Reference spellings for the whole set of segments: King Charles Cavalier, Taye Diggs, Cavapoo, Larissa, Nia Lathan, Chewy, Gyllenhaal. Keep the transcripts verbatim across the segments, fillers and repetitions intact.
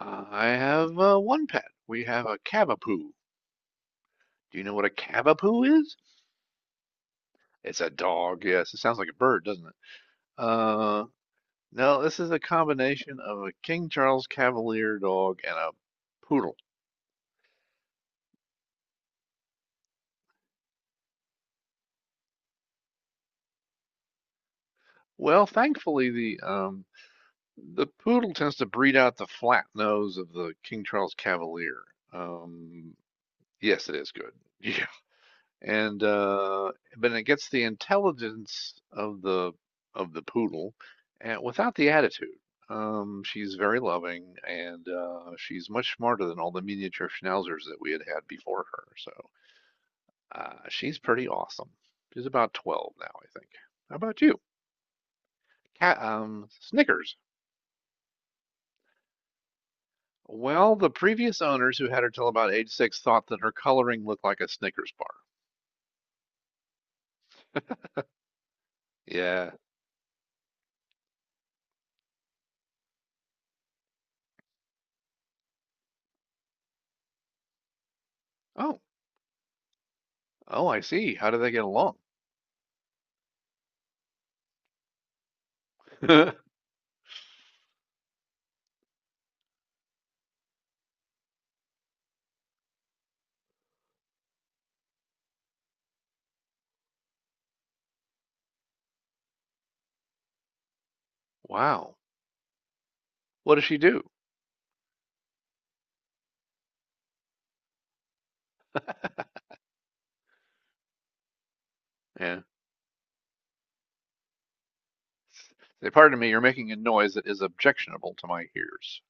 I have uh, one pet. We have a Cavapoo. Do you know what a Cavapoo is? It's a dog, yes. It sounds like a bird, doesn't it? Uh, no, this is a combination of a King Charles Cavalier dog and a poodle. Well, thankfully, the um, the poodle tends to breed out the flat nose of the King Charles Cavalier. Um, yes, it is good. You and uh, but it gets the intelligence of the of the poodle, and without the attitude. Um, she's very loving, and uh, she's much smarter than all the miniature schnauzers that we had had before her. So uh, she's pretty awesome. She's about twelve now, I think. How about you? Cat, um, Snickers. Well, the previous owners who had her till about age six thought that her coloring looked like a Snickers bar. Yeah. Oh, oh, I see. How do they get along? Wow. What does she do? Yeah. Say, pardon me, you're making a noise that is objectionable to my ears.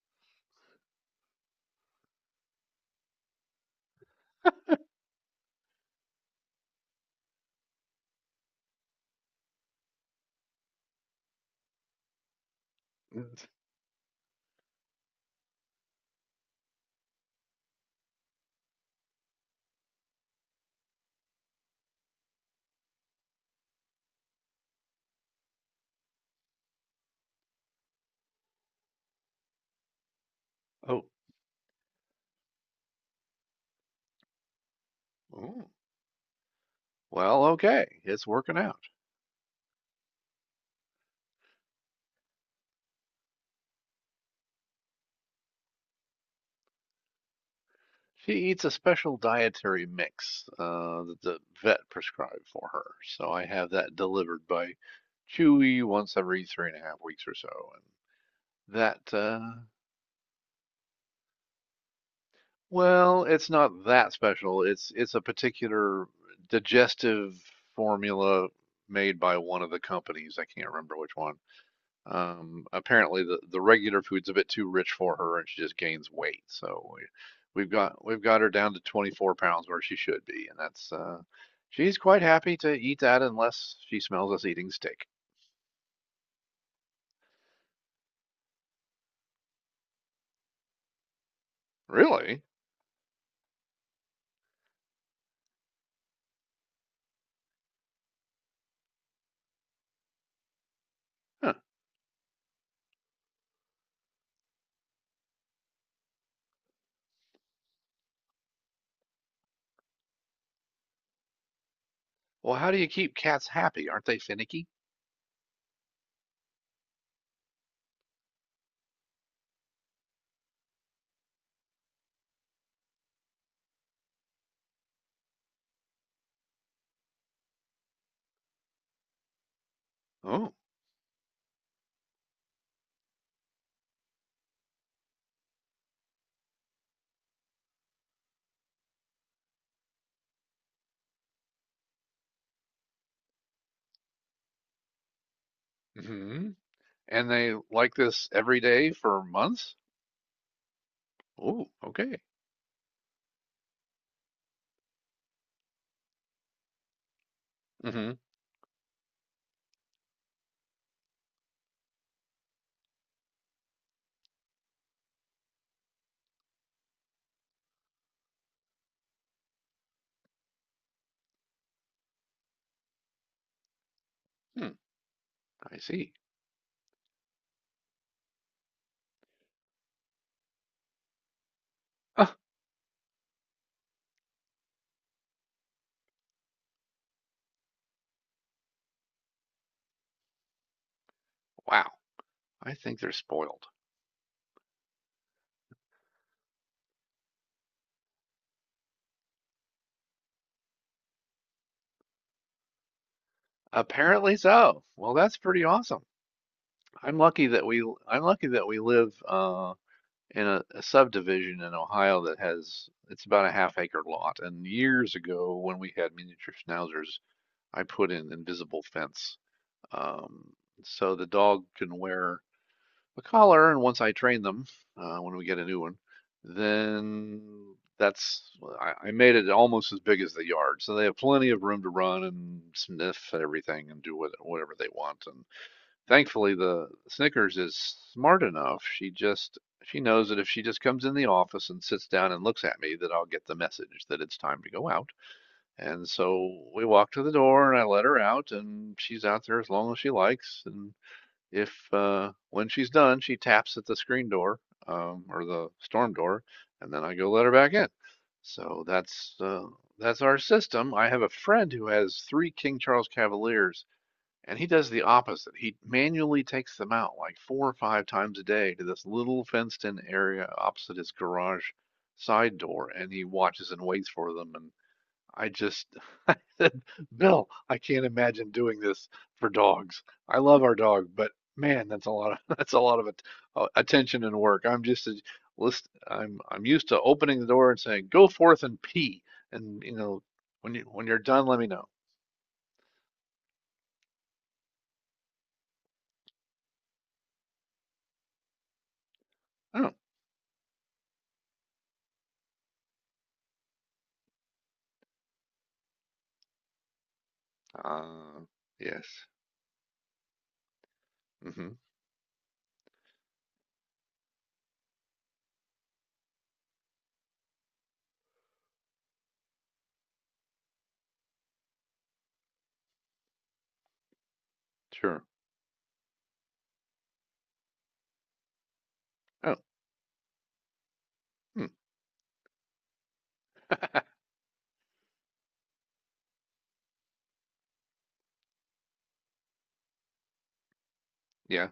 Oh. Oh. Well, okay. It's working out. She eats a special dietary mix uh, that the vet prescribed for her. So I have that delivered by Chewy once every three and a half weeks or so. And that, uh, well, it's not that special. It's it's a particular digestive formula made by one of the companies. I can't remember which one. Um, apparently the, the regular food's a bit too rich for her and she just gains weight. So we, we've got we've got her down to twenty-four pounds where she should be, and that's uh, she's quite happy to eat that unless she smells us eating steak. Really? Huh. Well, how do you keep cats happy? Aren't they finicky? Oh. Hmm. And they like this every day for months? Oh, okay. Hmm. Hmm. I see. Oh, wow. I think they're spoiled. Apparently so. Well, that's pretty awesome. I'm lucky that we I'm lucky that we live uh, in a, a subdivision in Ohio that has it's about a half acre lot. And years ago, when we had miniature schnauzers, I put in invisible fence, um, so the dog can wear a collar. And once I train them, uh, when we get a new one, then that's well, I, I made it almost as big as the yard, so they have plenty of room to run and sniff everything and do what, whatever they want. And. Thankfully, the Snickers is smart enough. She just she knows that if she just comes in the office and sits down and looks at me, that I'll get the message that it's time to go out. And so we walk to the door and I let her out and she's out there as long as she likes. And if uh when she's done, she taps at the screen door um or the storm door and then I go let her back in. So that's uh that's our system. I have a friend who has three King Charles Cavaliers and he does the opposite. He manually takes them out like four or five times a day to this little fenced in area opposite his garage side door and he watches and waits for them. And I just, I said, Bill, I can't imagine doing this for dogs. I love our dog, but man, that's a lot of, that's a lot of uh, attention and work. I'm just a list. I'm, I'm used to opening the door and saying, go forth and pee. And, you know, when you, when you're done, let me know. Oh, uh, yes. Hmm. Sure. Oh, hmm. Yeah.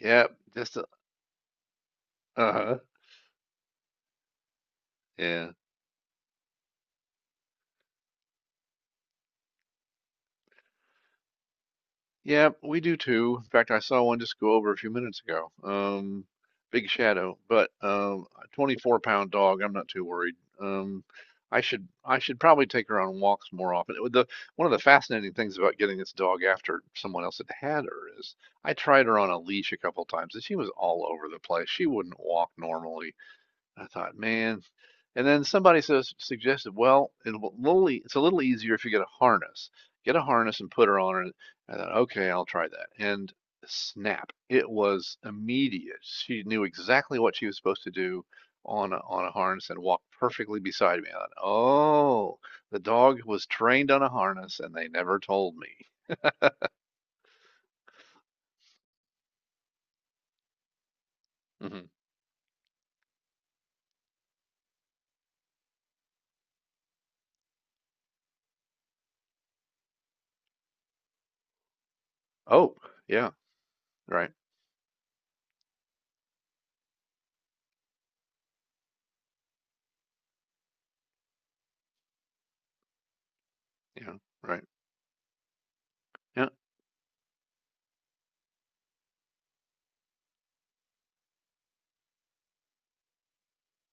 Yep. Just, uh huh. Yeah. Yeah, we do too. In fact, I saw one just go over a few minutes ago. Um, big shadow, but um, a twenty-four pound dog. I'm not too worried. Um, I should I should probably take her on walks more often. It would- The One of the fascinating things about getting this dog after someone else that had her is I tried her on a leash a couple times and she was all over the place. She wouldn't walk normally. I thought, man. And then somebody says suggested, well, it'll it's a little easier if you get a harness. Get a harness and put her on it. I thought, okay, I'll try that. And snap, it was immediate. She knew exactly what she was supposed to do on a, on a harness and walked perfectly beside me. I thought, oh, the dog was trained on a harness and they never told me. Hmm. Oh, yeah, right, yeah, right, yeah.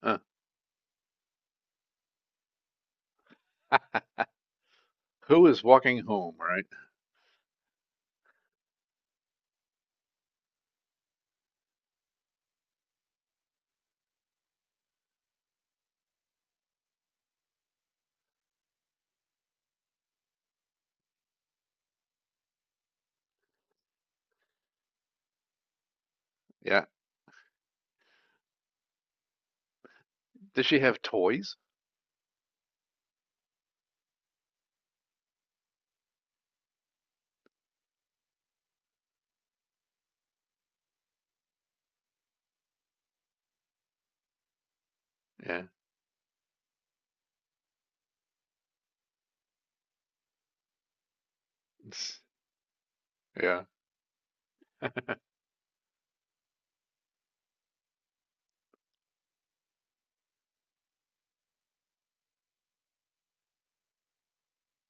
Uh, who is walking home, right? Yeah. Does she have toys? Yeah. Yeah.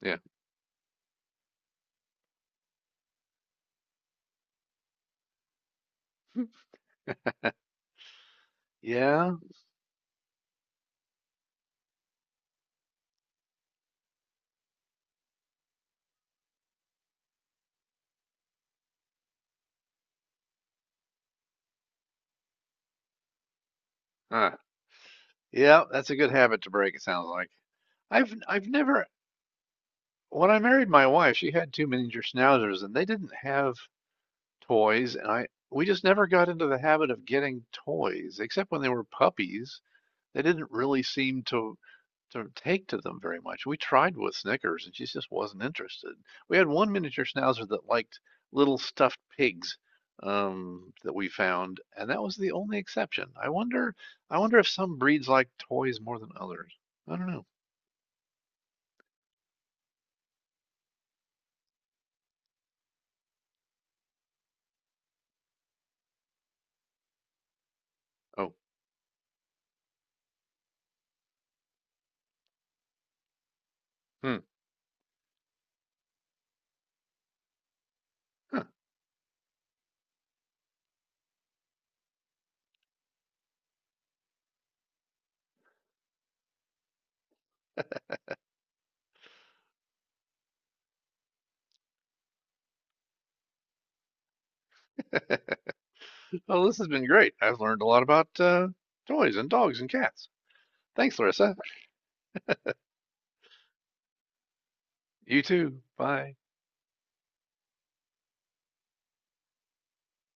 Yeah. Yeah. Huh. Yeah, that's a good habit to break, it sounds like. I've I've never, when I married my wife, she had two miniature schnauzers and they didn't have toys and I we just never got into the habit of getting toys, except when they were puppies. They didn't really seem to to take to them very much. We tried with Snickers, and she just wasn't interested. We had one miniature schnauzer that liked little stuffed pigs um, that we found, and that was the only exception. I wonder, I wonder if some breeds like toys more than others. I don't know. Oh, hmm. Huh. Well, this has been great. I've learned a lot about uh, toys and dogs and cats. Thanks, Larissa. You too. Bye.